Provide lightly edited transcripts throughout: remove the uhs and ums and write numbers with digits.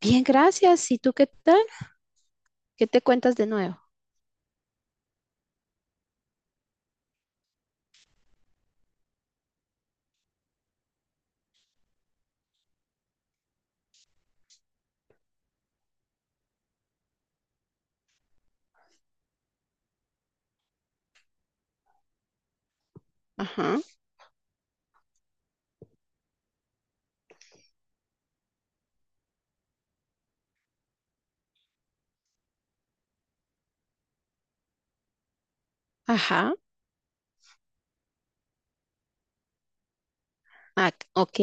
Bien, gracias. ¿Y tú qué tal? ¿Qué te cuentas de nuevo? Ajá, ajá, ah, ok,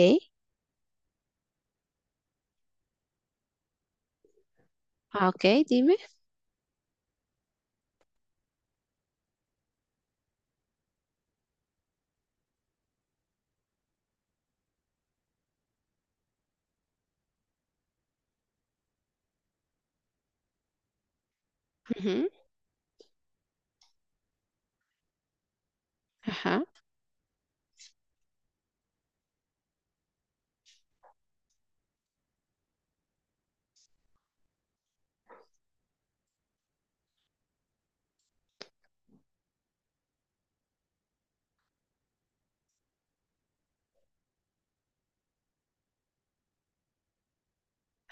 ah, ok, dime. Ujú, ajá,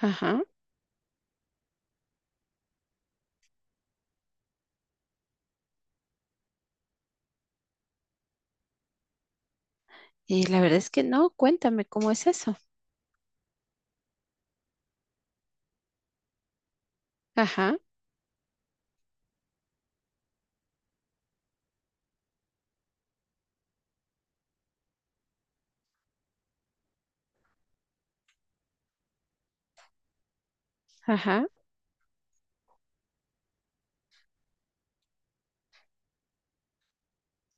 ajá. Y la verdad es que no, cuéntame cómo es eso. Ajá, ajá,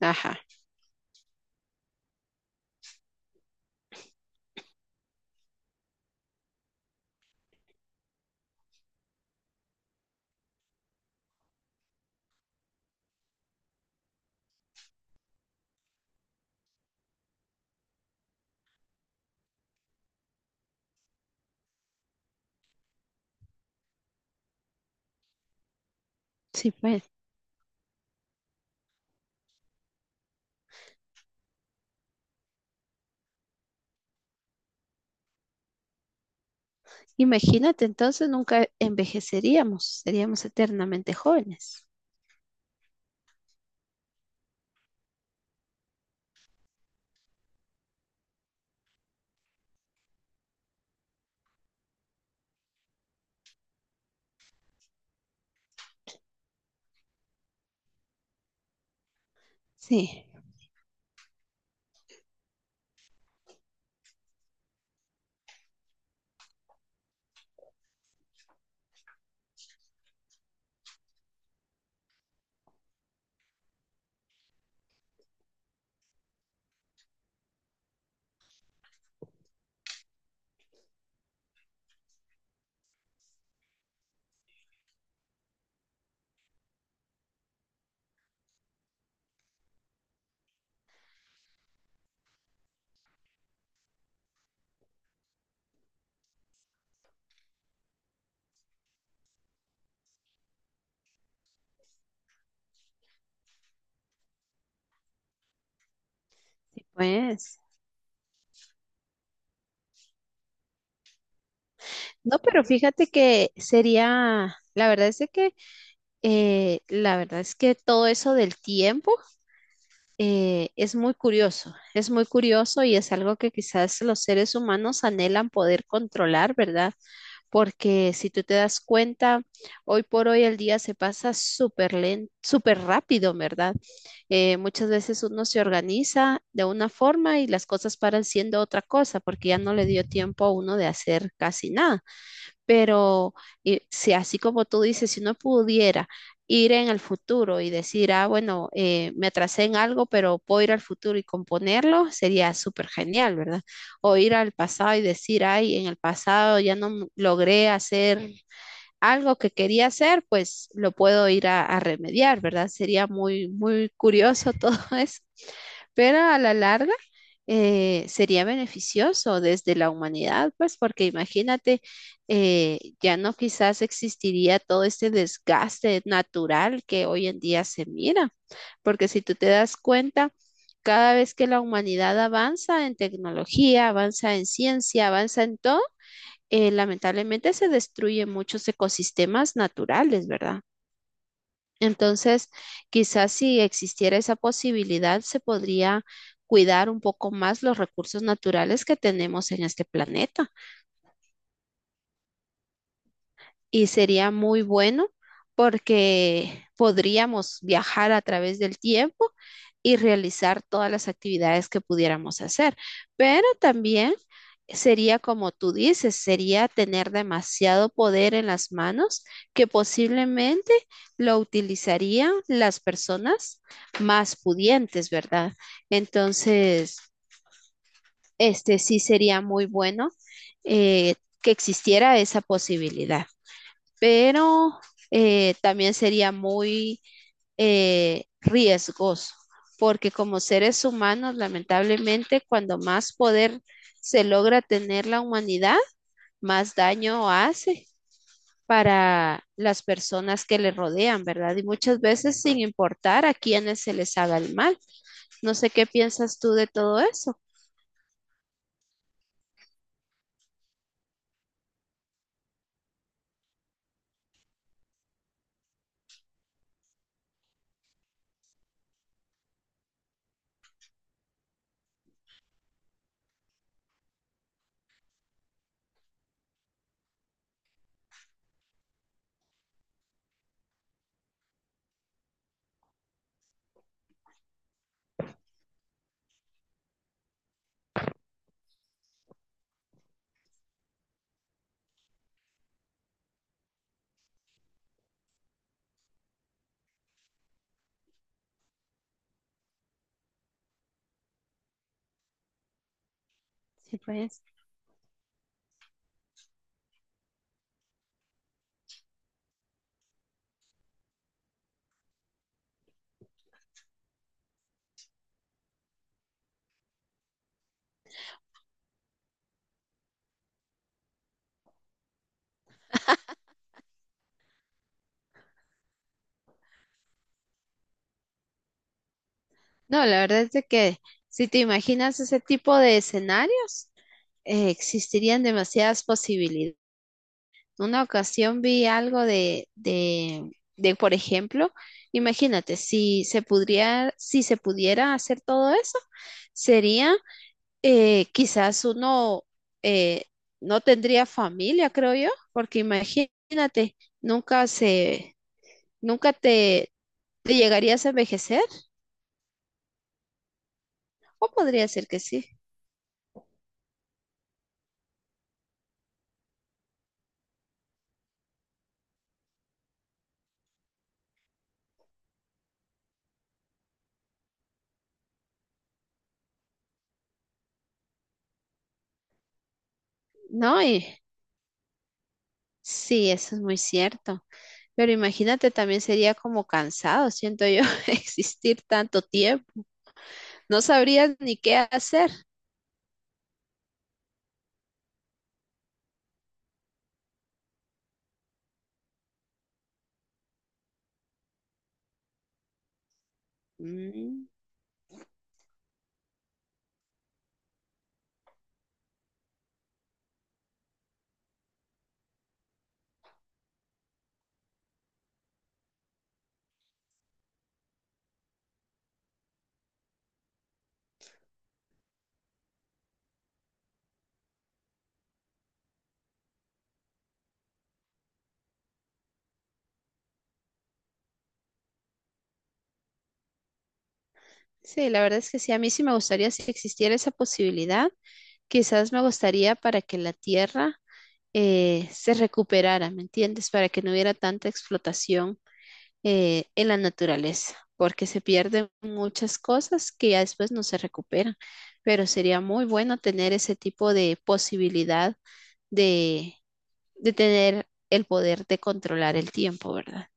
ajá. Sí, pues. Imagínate, entonces nunca envejeceríamos, seríamos eternamente jóvenes. Sí, pues. No, pero fíjate que sería, la verdad es de que, la verdad es que todo eso del tiempo. Eh, es muy curioso y es algo que quizás los seres humanos anhelan poder controlar, ¿verdad? Porque si tú te das cuenta, hoy por hoy el día se pasa súper lento, súper rápido, ¿verdad? Muchas veces uno se organiza de una forma y las cosas paran siendo otra cosa porque ya no le dio tiempo a uno de hacer casi nada. Pero si así como tú dices, si uno pudiera ir en el futuro y decir, ah, bueno, me atrasé en algo, pero puedo ir al futuro y componerlo, sería súper genial, ¿verdad? O ir al pasado y decir, ay, en el pasado ya no logré hacer algo que quería hacer, pues lo puedo ir a remediar, ¿verdad? Sería muy, muy curioso todo eso, pero a la larga sería beneficioso desde la humanidad, pues porque imagínate, ya no quizás existiría todo este desgaste natural que hoy en día se mira, porque si tú te das cuenta, cada vez que la humanidad avanza en tecnología, avanza en ciencia, avanza en todo, lamentablemente se destruyen muchos ecosistemas naturales, ¿verdad? Entonces, quizás si existiera esa posibilidad, se podría cuidar un poco más los recursos naturales que tenemos en este planeta. Y sería muy bueno porque podríamos viajar a través del tiempo y realizar todas las actividades que pudiéramos hacer, pero también sería como tú dices, sería tener demasiado poder en las manos que posiblemente lo utilizarían las personas más pudientes, ¿verdad? Entonces, este sí sería muy bueno eh, que existiera esa posibilidad, pero también sería muy riesgoso, porque como seres humanos, lamentablemente, cuando más poder se logra tener la humanidad, más daño hace para las personas que le rodean, ¿verdad? Y muchas veces sin importar a quiénes se les haga el mal. No sé qué piensas tú de todo eso. Sí, pues. No, la verdad es de que si te imaginas ese tipo de escenarios, existirían demasiadas posibilidades. Una ocasión vi algo por ejemplo, imagínate, si se pudiera hacer todo eso, sería quizás uno eh, no tendría familia, creo yo, porque imagínate, nunca se, nunca te, te llegarías a envejecer, o podría ser que sí. No, y sí, eso es muy cierto. Pero imagínate, también sería como cansado, siento yo, existir tanto tiempo. No sabrías ni qué hacer. Mm, sí, la verdad es que sí, a mí sí me gustaría si existiera esa posibilidad. Quizás me gustaría para que la tierra se recuperara, ¿me entiendes? Para que no hubiera tanta explotación en la naturaleza, porque se pierden muchas cosas que ya después no se recuperan. Pero sería muy bueno tener ese tipo de posibilidad de tener el poder de controlar el tiempo, ¿verdad?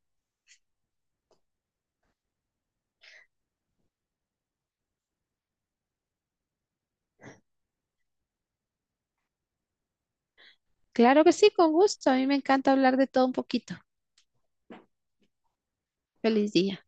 Claro que sí, con gusto. A mí me encanta hablar de todo un poquito. Feliz día.